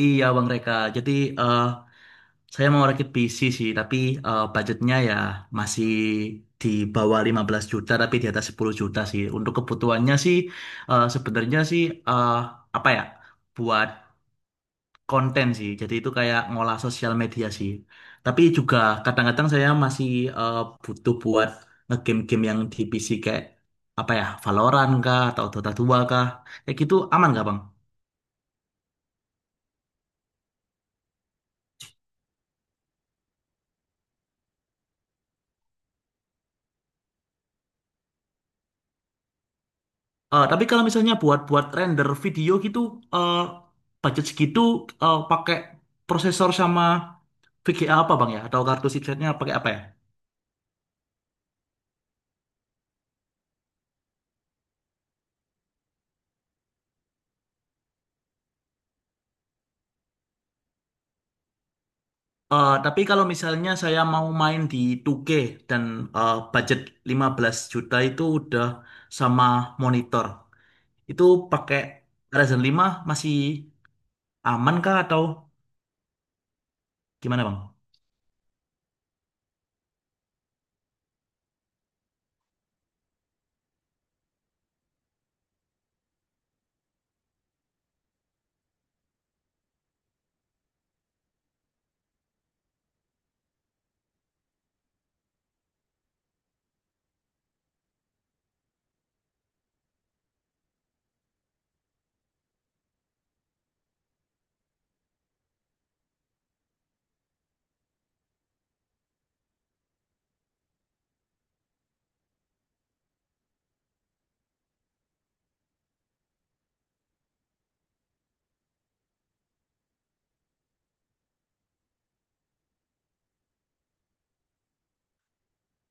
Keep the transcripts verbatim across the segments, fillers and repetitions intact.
Iya Bang Reka, jadi eh, saya mau rakit P C sih, tapi eh, budgetnya ya masih di bawah lima belas juta, tapi di atas sepuluh juta sih. Untuk kebutuhannya sih, eh, sebenarnya sih, eh, apa ya, buat konten sih. Jadi itu kayak ngolah sosial media sih. Tapi juga kadang-kadang saya masih eh, butuh buat nge-game-game yang di P C kayak, apa ya, Valorant kah, atau Dota dua kah. Kayak gitu aman nggak Bang? Eh, tapi kalau misalnya buat-buat render video gitu, eh, budget segitu eh, pakai prosesor sama V G A apa bang ya? Atau kartu chipsetnya pakai apa ya? Eh, tapi kalau misalnya saya mau main di dua K dan eh, budget lima belas juta itu udah sama monitor, itu pakai Ryzen lima masih aman kah atau gimana bang?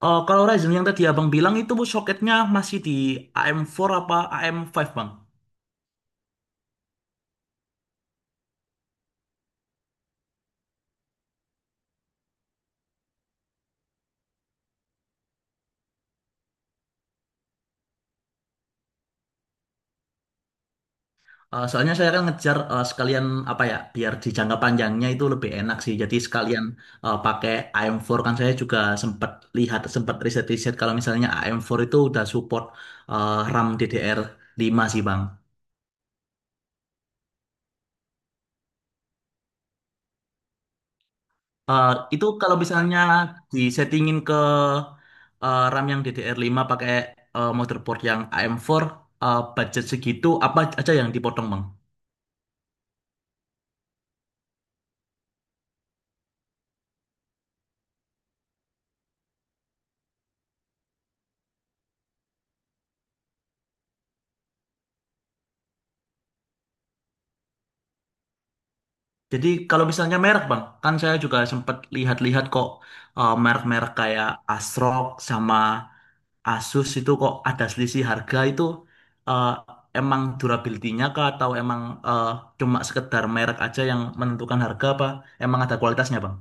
Eh, kalau Ryzen yang tadi abang bilang itu soketnya masih di A M empat apa A M lima bang? Eh, soalnya saya kan ngejar eh, sekalian apa ya biar di jangka panjangnya itu lebih enak sih. Jadi sekalian eh, pakai A M empat kan saya juga sempat lihat sempat riset-riset kalau misalnya A M empat itu udah support eh, RAM D D R lima sih Bang. Eh, itu kalau misalnya disettingin ke eh, RAM yang D D R lima pakai eh, motherboard yang A M empat eh, budget segitu apa aja yang dipotong Bang? Jadi kalau misalnya merek bang, kan saya juga sempat lihat-lihat kok eh, merek-merek kayak Asrock sama Asus itu kok ada selisih harga itu eh, emang durability-nya kah atau emang eh, cuma sekedar merek aja yang menentukan harga apa emang ada kualitasnya bang?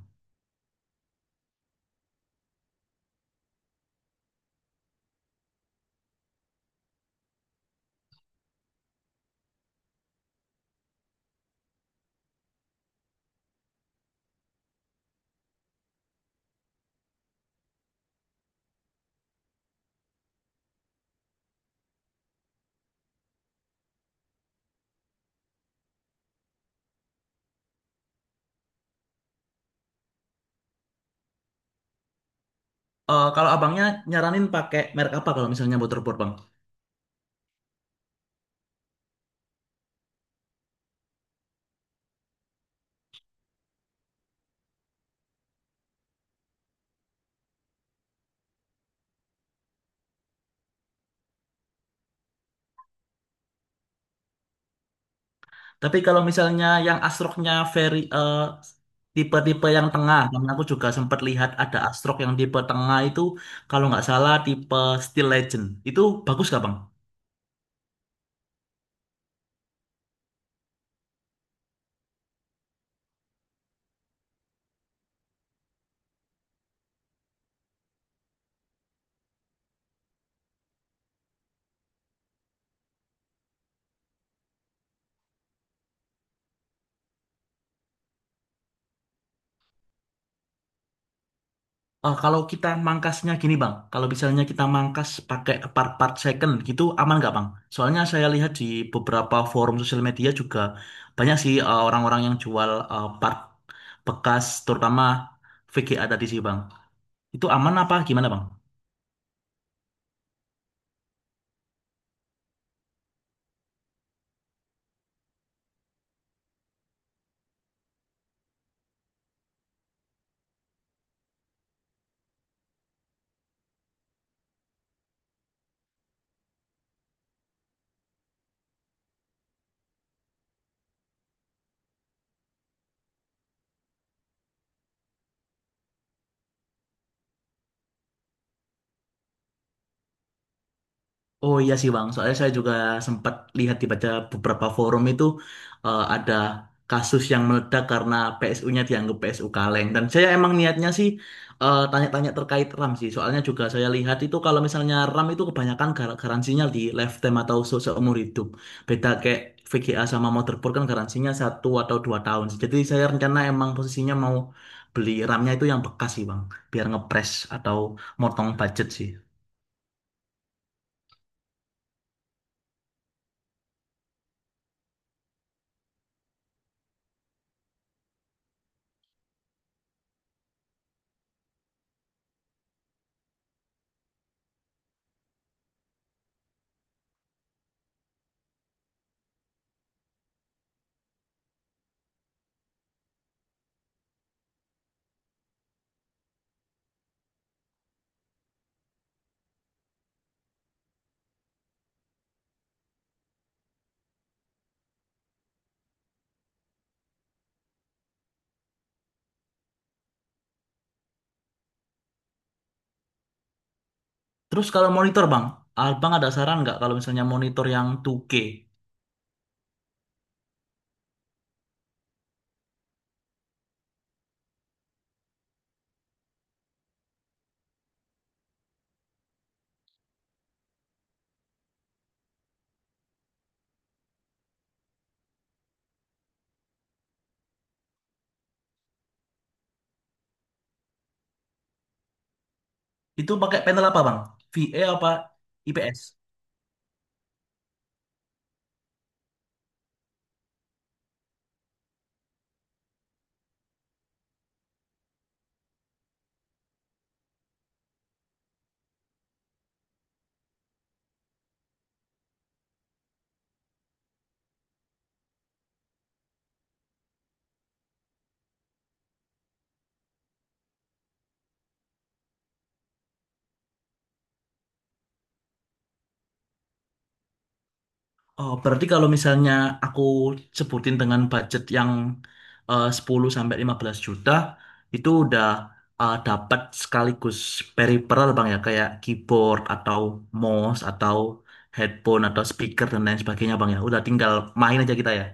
Eh, kalau abangnya nyaranin pakai merek apa kalau misalnya motherboard bang? Tapi kalau misalnya yang astroknya very eh, tipe-tipe yang tengah, karena aku juga sempat lihat ada astrok yang tipe tengah itu kalau nggak salah tipe Steel Legend. Itu bagus nggak Bang? Eh, kalau kita mangkasnya gini Bang, kalau misalnya kita mangkas pakai part-part second gitu aman nggak Bang? Soalnya saya lihat di beberapa forum sosial media juga banyak sih eh, orang-orang yang jual eh, part bekas terutama V G A tadi sih Bang. Itu aman apa gimana Bang? Oh iya sih Bang, soalnya saya juga sempat lihat dibaca beberapa forum itu eh, ada kasus yang meledak karena P S U-nya dianggap P S U kaleng. Dan saya emang niatnya sih eh, tanya-tanya terkait RAM sih, soalnya juga saya lihat itu kalau misalnya RAM itu kebanyakan gar- garansinya di lifetime atau se- seumur hidup. Beda kayak V G A sama motherboard kan garansinya satu atau dua tahun sih. Jadi saya rencana emang posisinya mau beli RAM-nya itu yang bekas sih Bang, biar ngepres atau motong budget sih. Terus kalau monitor bang, abang ada saran nggak kalau misalnya monitor yang dua K itu pakai panel apa bang? V A apa I P S? Oh, berarti kalau misalnya aku sebutin dengan budget yang eh, sepuluh sampai lima belas juta itu udah eh, dapat sekaligus peripheral bang ya kayak keyboard atau mouse atau headphone atau speaker dan lain sebagainya bang ya. Udah tinggal main aja kita ya.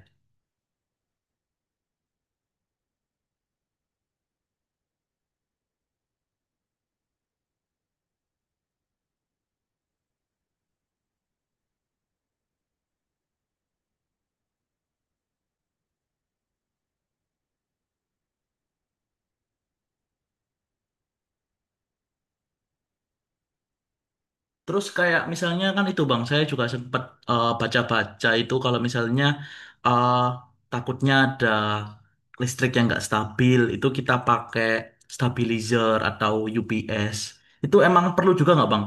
Terus kayak misalnya kan itu Bang, saya juga sempat eh, baca-baca itu kalau misalnya eh, takutnya ada listrik yang nggak stabil, itu kita pakai stabilizer atau U P S. Itu emang perlu juga nggak Bang?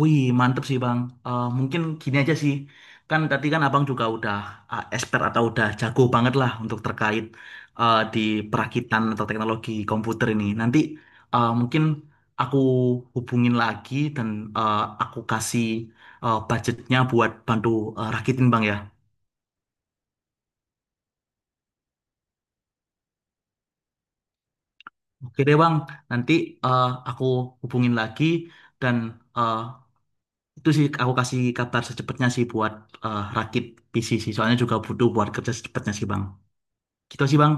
Wih, mantep sih Bang. Eh, mungkin gini aja sih. Kan tadi kan Abang juga udah eh, expert atau udah jago banget lah untuk terkait eh, di perakitan atau teknologi komputer ini. Nanti eh, mungkin aku hubungin lagi dan eh, aku kasih eh, budgetnya buat bantu eh, rakitin Bang ya. Oke deh Bang, nanti eh, aku hubungin lagi dan eh, itu sih aku kasih kabar secepatnya sih buat eh, rakit P C sih. Soalnya juga butuh buat kerja secepatnya sih Bang. Gitu sih Bang.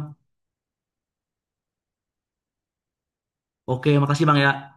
Oke, makasih Bang ya.